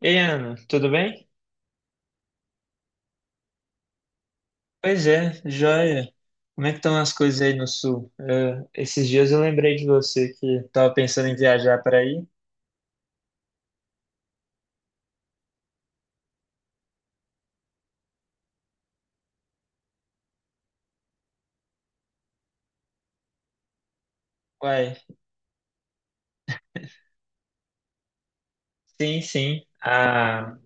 Ei, Ana, tudo bem? Pois é, joia. Como é que estão as coisas aí no sul? É, esses dias eu lembrei de você que estava pensando em viajar para aí. Uai, sim, sim. Ah,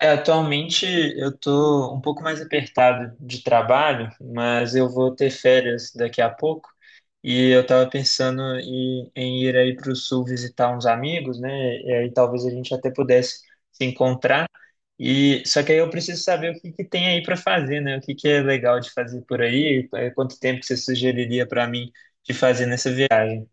É, atualmente eu tô um pouco mais apertado de trabalho, mas eu vou ter férias daqui a pouco e eu tava pensando em ir aí para o sul visitar uns amigos, né? E aí talvez a gente até pudesse se encontrar. E só que aí eu preciso saber o que que tem aí para fazer, né? O que que é legal de fazer por aí? Eh, Quanto tempo que você sugeriria para mim de fazer nessa viagem?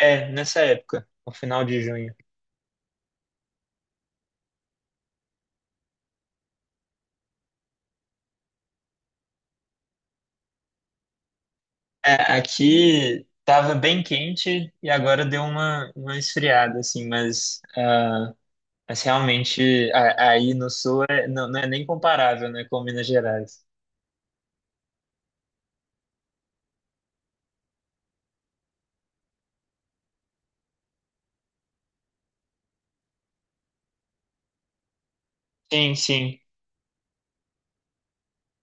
É, nessa época, no final de junho. É, aqui tava bem quente e agora deu uma esfriada, assim, mas, mas realmente aí no sul não, não é nem comparável, né, com Minas Gerais. Sim, sim,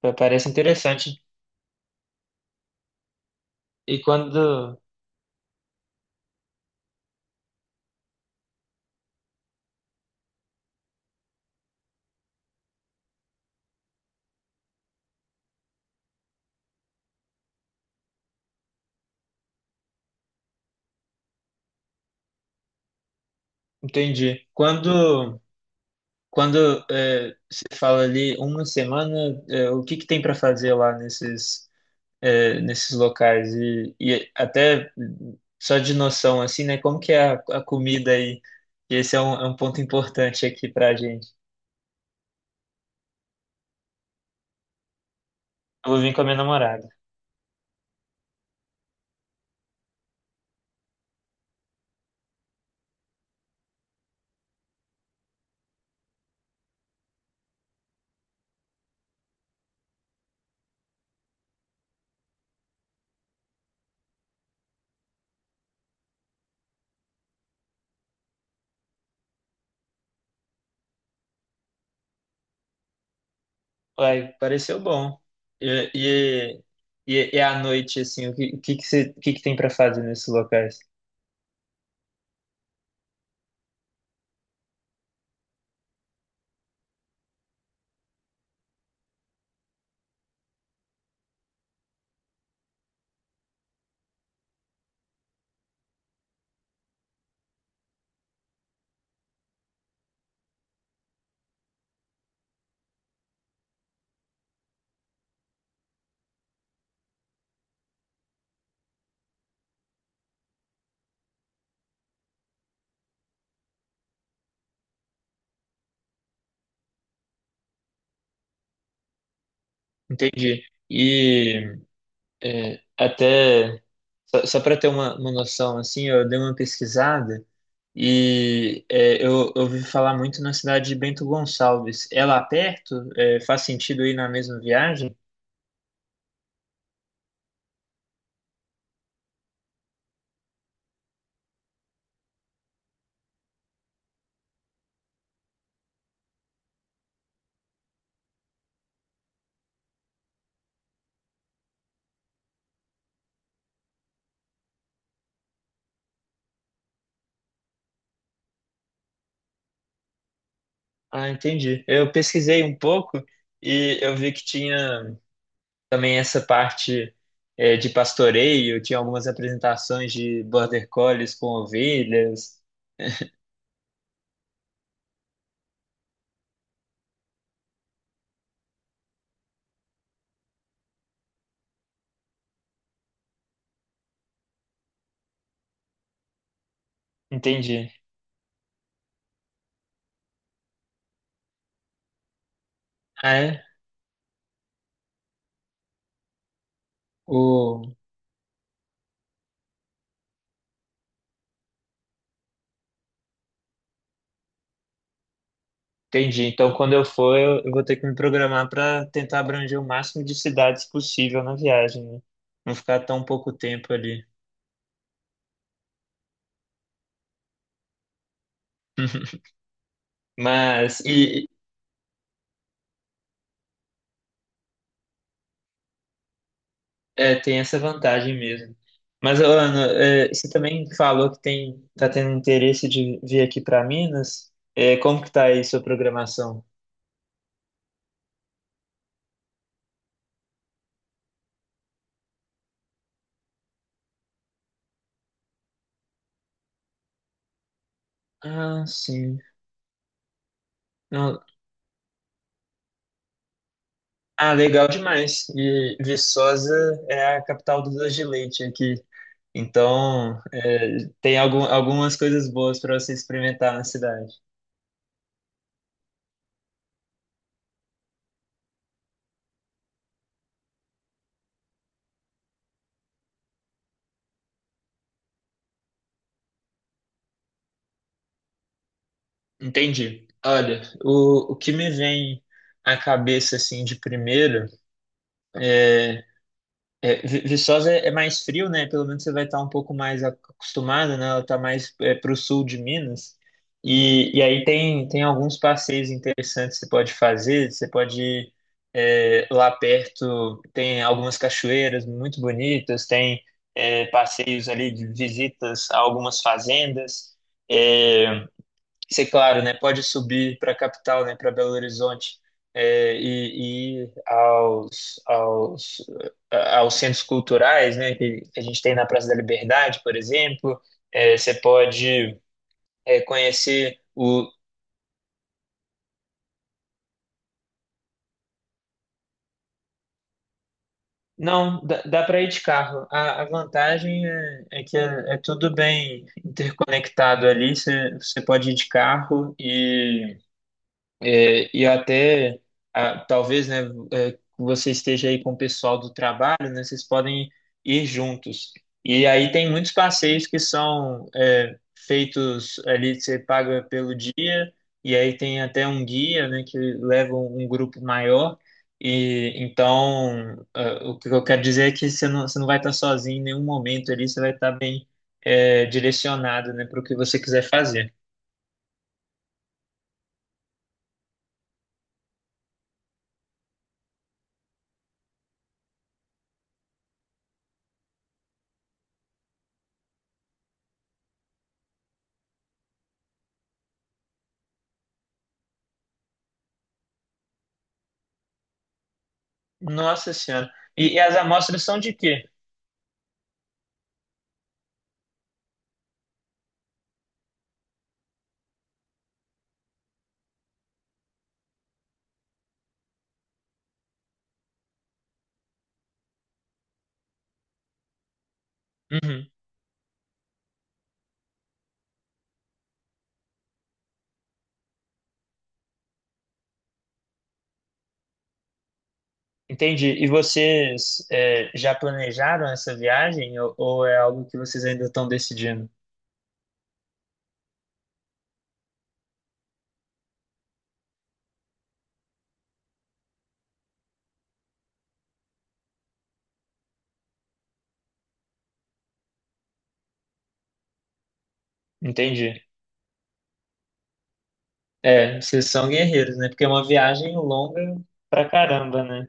parece interessante. E quando, entendi, quando, quando você fala ali uma semana, é, o que que tem para fazer lá nesses locais e até só de noção assim, né? Como que é a comida aí? E esse é é um ponto importante aqui pra gente. Eu vou vir com a minha namorada. Uai, pareceu bom. E, e, e à noite, assim, o que que tem pra fazer nesses locais? Entendi. E é, até só para ter uma noção, assim, eu dei uma pesquisada eu ouvi falar muito na cidade de Bento Gonçalves. É lá perto? É, faz sentido ir na mesma viagem? Ah, entendi. Eu pesquisei um pouco e eu vi que tinha também essa parte de pastoreio, tinha algumas apresentações de border collies com ovelhas. Entendi. Ah, é? Entendi. Então, quando eu for, eu vou ter que me programar para tentar abranger o máximo de cidades possível na viagem, né? Não ficar tão pouco tempo ali. Mas e é, tem essa vantagem mesmo. Mas, ô, Ana, é, você também falou que tem tá tendo interesse de vir aqui para Minas. É, como que tá aí sua programação? Ah, sim. Não- Ah, legal demais. E Viçosa é a capital do doce de leite aqui. Então, é, tem algumas coisas boas para você experimentar na cidade. Entendi. Olha, o que me vem à cabeça assim de primeiro é é, Viçosa é mais frio, né? Pelo menos você vai estar um pouco mais acostumado, né? Ela está mais é, para o sul de Minas. E aí tem alguns passeios interessantes que você pode fazer. Você pode ir é, lá perto, tem algumas cachoeiras muito bonitas, tem é, passeios ali de visitas a algumas fazendas. É, isso é claro, né? Pode subir para a capital, né? Para Belo Horizonte e ir aos centros culturais, né? Que a gente tem na Praça da Liberdade, por exemplo. É, você pode é, conhecer o. Não, dá para ir de carro. A vantagem é que é tudo bem interconectado ali. Você pode ir de carro e é, e até, ah, talvez, né, é, você esteja aí com o pessoal do trabalho, né, vocês podem ir juntos. E aí tem muitos passeios que são é, feitos ali, você paga pelo dia, e aí tem até um guia, né, que leva um grupo maior. E então, ah, o que eu quero dizer é que você não vai estar sozinho em nenhum momento ali, você vai estar bem é, direcionado, né, para o que você quiser fazer. Nossa Senhora. E as amostras são de quê? Uhum, entendi. E vocês é, já planejaram essa viagem ou é algo que vocês ainda estão decidindo? Entendi. É, vocês são guerreiros, né? Porque é uma viagem longa pra caramba, né?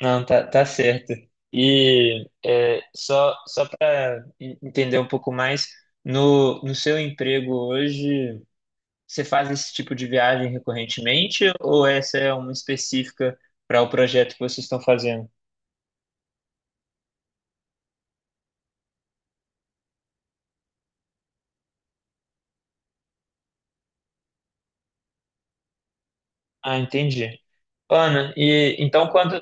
Não, tá, tá certo. E é, só para entender um pouco mais, no seu emprego hoje, você faz esse tipo de viagem recorrentemente ou essa é uma específica para o projeto que vocês estão fazendo? Ah, entendi. Ana, e então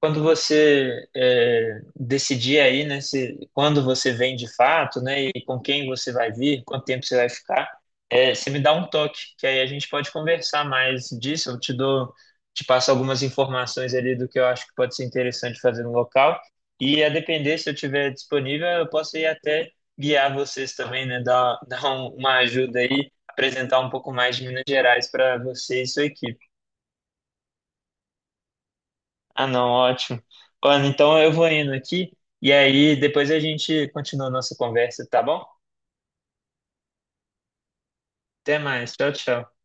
quando você é, decidir aí, né, se, quando você vem de fato, né, e com quem você vai vir, quanto tempo você vai ficar, é, você me dá um toque, que aí a gente pode conversar mais disso, eu te dou, te passo algumas informações ali do que eu acho que pode ser interessante fazer no local, e a depender, se eu tiver disponível, eu posso ir até guiar vocês também, né, dar, dar uma ajuda aí, apresentar um pouco mais de Minas Gerais para você e sua equipe. Ah, não, ótimo. Olha, então eu vou indo aqui e aí depois a gente continua a nossa conversa, tá bom? Até mais. Tchau, tchau.